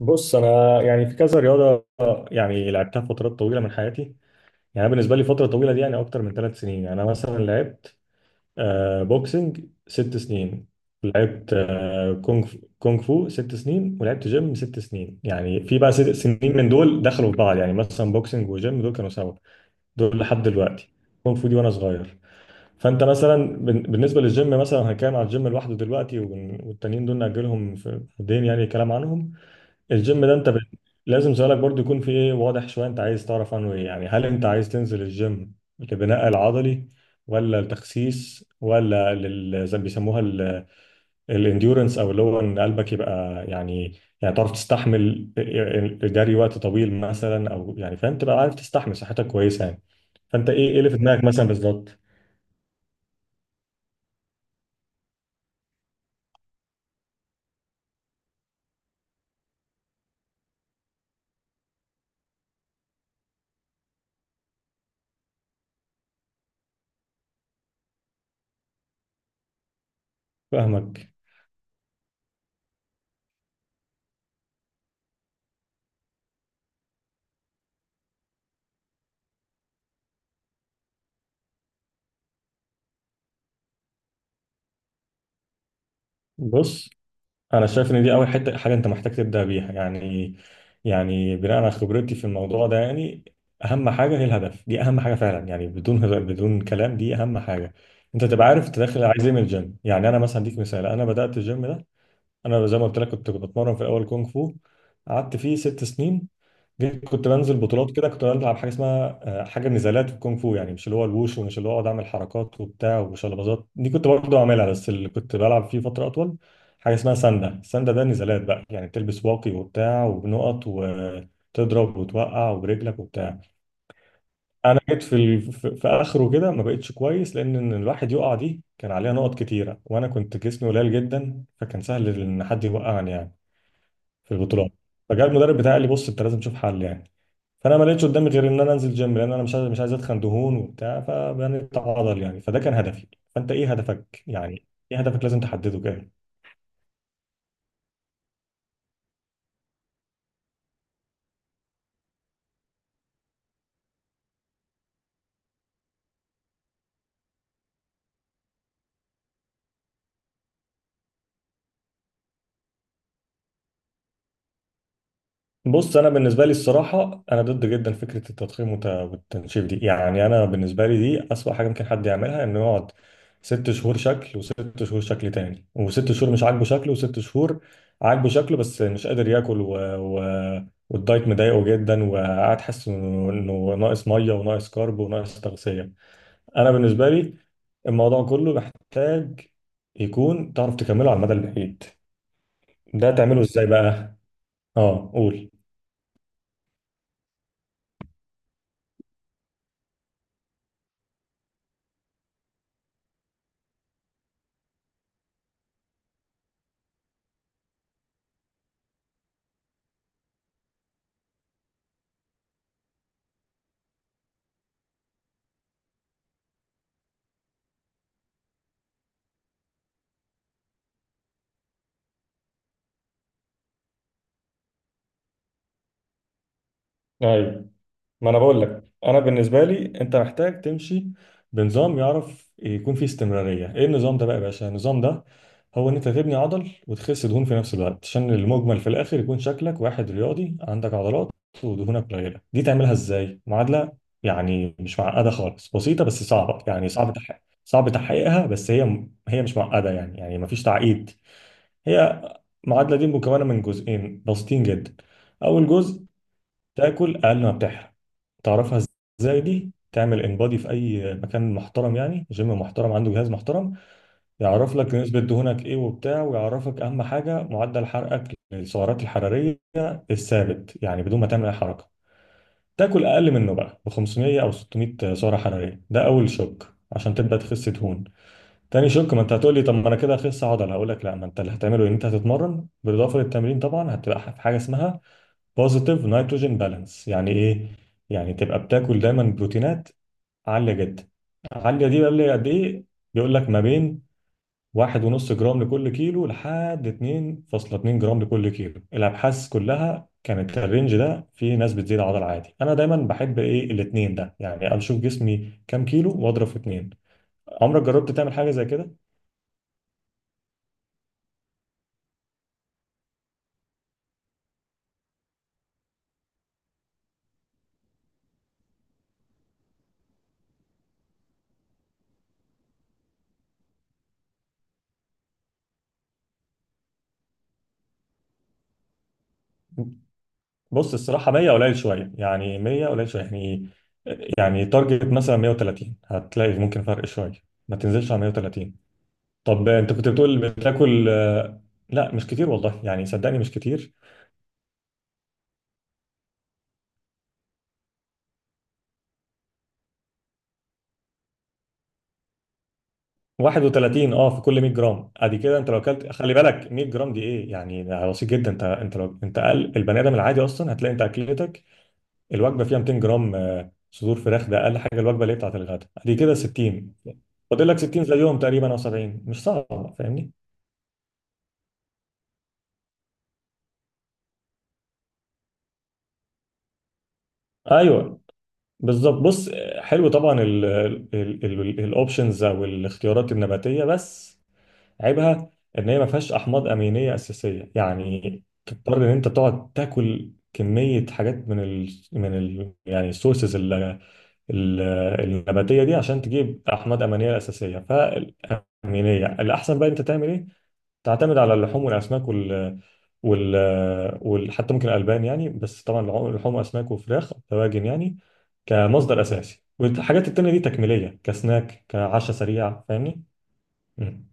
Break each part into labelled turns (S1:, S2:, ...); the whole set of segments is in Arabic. S1: بص، انا يعني في كذا رياضه يعني لعبتها فترات طويله من حياتي. يعني أنا بالنسبه لي فتره طويله دي يعني اكتر من ثلاث سنين. يعني انا مثلا لعبت بوكسنج ست سنين. لعبت كونغ فو ست سنين، ولعبت جيم ست سنين. يعني في بقى ست سنين من دول دخلوا في بعض، يعني مثلا بوكسنج وجيم دول كانوا سوا، دول لحد دلوقتي. كونغ فو دي وانا صغير. فانت مثلا بالنسبه للجيم مثلا هنتكلم على الجيم لوحده دلوقتي، والتانيين دول ناجلهم في الدين يعني كلام عنهم. الجيم ده انت لازم سؤالك برضو يكون في ايه واضح شويه، انت عايز تعرف عنه ايه. يعني هل انت عايز تنزل الجيم لبناء العضلي ولا التخسيس ولا زي ما بيسموها الانديورنس، او اللي هو ان قلبك يبقى يعني تعرف تستحمل الجري وقت طويل مثلا، او يعني فاهم تبقى عارف تستحمل، صحتك كويسه يعني. فانت ايه اللي في دماغك مثلا بالظبط؟ فاهمك. بص انا شايف ان دي اول حته حاجه انت محتاج تبدا بيها يعني، يعني بناء على خبرتي في الموضوع ده يعني. اهم حاجه هي الهدف، دي اهم حاجه فعلا يعني، بدون كلام دي اهم حاجه. انت تبقى عارف انت داخل عايز ايه من الجيم. يعني انا مثلا اديك مثال، انا بدات الجيم ده، انا زي ما قلت لك كنت بتمرن في الاول كونغ فو، قعدت فيه ست سنين، جيت كنت بنزل بطولات كده، كنت بلعب حاجه اسمها حاجه نزالات في الكونغ فو. يعني مش اللي هو الوش ومش اللي هو اقعد اعمل حركات وبتاع وشلبازات، دي كنت برضه اعملها بس اللي كنت بلعب فيه فتره اطول حاجه اسمها ساندا. الساندا ده نزالات بقى يعني، تلبس واقي وبتاع وبنقط وتضرب وتوقع وبرجلك وبتاع. انا جيت في في اخره كده ما بقتش كويس، لان إن الواحد يقع دي كان عليها نقط كتيره وانا كنت جسمي قليل جدا، فكان سهل ان حد يوقعني يعني في البطولات. فجاء المدرب بتاعي قال لي بص انت لازم تشوف حل يعني. فانا ما لقيتش قدامي غير ان انا انزل جيم، لان انا مش عايز اتخن دهون وبتاع، فبني عضل يعني، فده كان هدفي. فانت ايه هدفك يعني، ايه هدفك؟ لازم تحدده كده. بص انا بالنسبه لي الصراحه انا ضد جدا فكره التضخيم والتنشيف دي. يعني انا بالنسبه لي دي اسوأ حاجه ممكن حد يعملها، انه يقعد ست شهور شكل وست شهور شكل تاني وست شهور مش عاجبه شكله وست شهور عاجبه شكله بس مش قادر ياكل والدايت مضايقه جدا، وقاعد حاسس انه إنه ناقص ميه وناقص كارب وناقص تغذيه. انا بالنسبه لي الموضوع كله محتاج يكون تعرف تكمله على المدى البعيد. ده تعمله ازاي بقى؟ اه قول. ايوه، ما انا بقول لك انا بالنسبه لي انت محتاج تمشي بنظام يعرف يكون فيه استمراريه. ايه النظام ده بقى يا باشا؟ النظام ده هو ان انت تبني عضل وتخس دهون في نفس الوقت، عشان المجمل في الاخر يكون شكلك واحد رياضي عندك عضلات ودهونك قليله. دي تعملها ازاي؟ معادله يعني مش معقده خالص، بسيطه بس صعبه، يعني صعب تحقيق صعب تحقيقها، بس هي مش معقده يعني مفيش تعقيد. هي المعادله دي مكونه من جزئين بسيطين جدا. اول جزء، تاكل اقل ما بتحرق. تعرفها ازاي؟ دي تعمل انبادي في اي مكان محترم، يعني جيم محترم عنده جهاز محترم يعرف لك نسبة دهونك ايه وبتاع، ويعرفك اهم حاجة معدل حرقك للسعرات الحرارية الثابت يعني بدون ما تعمل اي حركة. تاكل اقل منه بقى ب 500 او 600 سعرة حرارية، ده اول شوك عشان تبدأ تخس دهون. تاني شوك، ما انت هتقول لي طب ما انا كده هخس عضل، هقول لك لا، ما انت اللي هتعمله ان انت هتتمرن، بالاضافه للتمرين طبعا هتبقى في حاجه اسمها بوزيتيف نيتروجين بالانس. يعني ايه؟ يعني تبقى بتاكل دايما بروتينات عاليه جدا. عاليه دي بقى اللي قد ايه؟ بيقول لك ما بين واحد ونص جرام لكل كيلو لحد 2.2 جرام لكل كيلو. الابحاث كلها كانت الرينج ده، في ناس بتزيد عضل عادي. انا دايما بحب ايه؟ الاتنين ده يعني، اشوف جسمي كام كيلو واضرب في اتنين. عمرك جربت تعمل حاجه زي كده؟ بص الصراحه 100 قليل شويه يعني، 100 قليل شويه يعني، تارجت مثلا 130 هتلاقي ممكن فرق شويه. ما تنزلش على 130. طب انت كنت بتقول بتاكل لا مش كتير والله يعني، صدقني مش كتير. 31 اه في كل 100 جرام. ادي كده انت لو اكلت، خلي بالك 100 جرام دي ايه يعني؟ ده بسيط جدا، انت لو انت اقل البني ادم العادي اصلا هتلاقي انت اكلتك الوجبه فيها 200 جرام صدور فراخ، ده اقل حاجه. الوجبه اللي هي بتاعت الغداء ادي كده 60، فاضل لك 60 زيهم تقريبا او 70، مش صعب فاهمني. ايوه بالظبط. بص حلو طبعا الاوبشنز او الاختيارات النباتيه، بس عيبها ان هي ما فيهاش احماض امينيه اساسيه، يعني تضطر ان انت تقعد تاكل كميه حاجات من ال يعني السورسز النباتيه دي عشان تجيب احماض امينيه اساسيه. فالامينيه الاحسن بقى انت تعمل ايه؟ تعتمد على اللحوم والاسماك وال حتى ممكن الالبان يعني، بس طبعا لحوم لحوم واسماك وفراخ دواجن يعني كمصدر اساسي، والحاجات التانية دي تكميلية كسناك كعشاء سريع فاهمني؟ مم.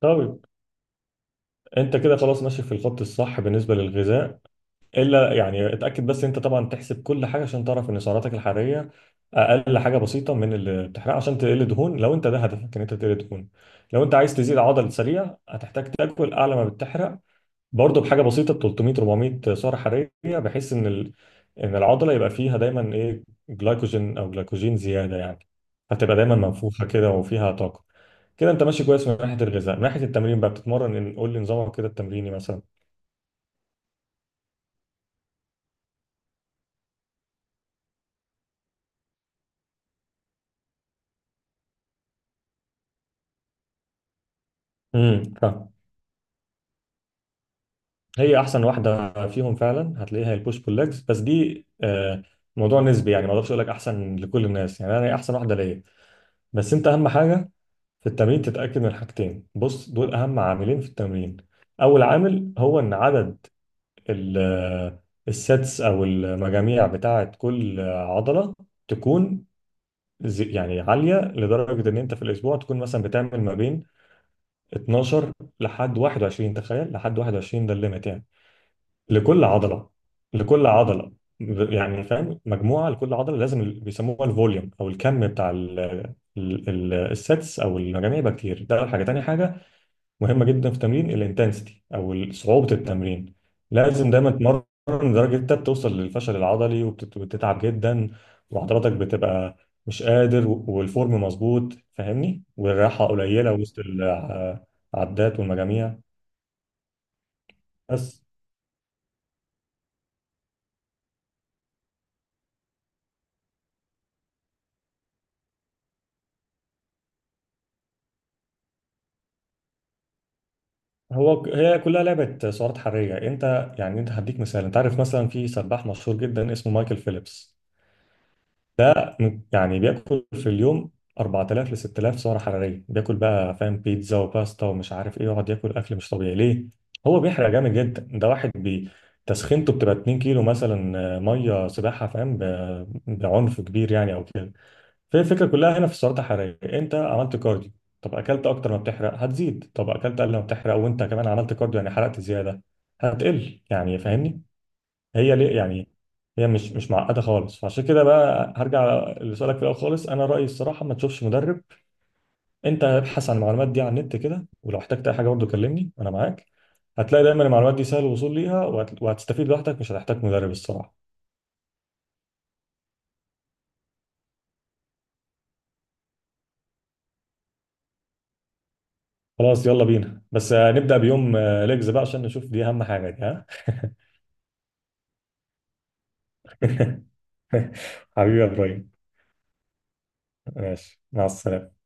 S1: طيب انت كده خلاص ماشي في الخط الصح بالنسبة للغذاء. الا يعني اتأكد بس انت طبعا تحسب كل حاجة عشان تعرف ان سعراتك الحرارية اقل حاجة بسيطة من اللي بتحرقها عشان تقل دهون، لو انت ده هدفك ان انت تقل دهون. لو انت عايز تزيد عضل سريع هتحتاج تاكل اعلى ما بتحرق، برضه بحاجه بسيطه 300 400 سعره حراريه، بحيث ان ان العضله يبقى فيها دايما ايه؟ جلايكوجين، او جلايكوجين زياده يعني، فتبقى دايما منفوخه كده وفيها طاقه. كده انت ماشي كويس من ناحيه الغذاء. من ناحيه التمرين بقى، بتتمرن قول لي نظامك كده التمريني مثلا. فاهم. هي احسن واحده فيهم فعلا هتلاقيها هي البوش بول ليجز، بس دي موضوع نسبي يعني، ما اقدرش اقول لك احسن لكل الناس يعني، انا هي احسن واحده ليا. بس انت اهم حاجه في التمرين تتأكد من حاجتين. بص دول أهم عاملين في التمرين. أول عامل هو إن عدد ال- السيتس أو المجاميع بتاعة كل عضلة تكون يعني عالية لدرجة إن أنت في الأسبوع تكون مثلا بتعمل ما بين 12 لحد 21. تخيل لحد 21 ده الليميت يعني. لكل عضلة، لكل عضلة يعني فاهم، مجموعة لكل عضلة. لازم بيسموها الفوليوم أو الكم بتاع السيتس أو المجاميع يبقى كتير. ده أول حاجة. تاني حاجة مهمه جدا في تمرين، الانتنسيتي او صعوبه التمرين، لازم دايما تمرن لدرجه انت بتوصل للفشل العضلي، وبتتعب جدا وعضلاتك بتبقى مش قادر، والفورم مظبوط فاهمني، والراحه قليله وسط العدات والمجاميع بس. هو هي كلها لعبه سعرات حراريه. انت يعني انت هديك مثال، انت عارف مثلا في سباح مشهور جدا اسمه مايكل فيليبس. ده يعني بياكل في اليوم 4000 ل 6000 سعره حراريه، بياكل بقى فاهم بيتزا وباستا ومش عارف ايه، يقعد ياكل اكل مش طبيعي ليه. هو بيحرق جامد جدا، ده واحد تسخينته بتبقى 2 كيلو مثلا ميه سباحه فاهم بعنف كبير يعني او كده. فهي الفكره كلها هنا في السعرات الحراريه. انت عملت كارديو، طب اكلت اكتر ما بتحرق هتزيد. طب اكلت اقل ما بتحرق وانت كمان عملت كارديو يعني حرقت زياده، هتقل يعني فاهمني. هي ليه يعني؟ هي مش معقده خالص. فعشان كده بقى هرجع لسؤالك في الاول خالص، انا رايي الصراحه ما تشوفش مدرب. انت ابحث عن المعلومات دي على النت كده، ولو احتجت اي حاجه برضه كلمني انا معاك. هتلاقي دايما المعلومات دي سهل الوصول ليها، وهتستفيد لوحدك، مش هتحتاج مدرب الصراحه. خلاص يلا بينا، بس نبدا بيوم ليجز بقى عشان نشوف، دي اهم حاجه دي ها. حبيبي يا ابراهيم. ماشي مع السلامه.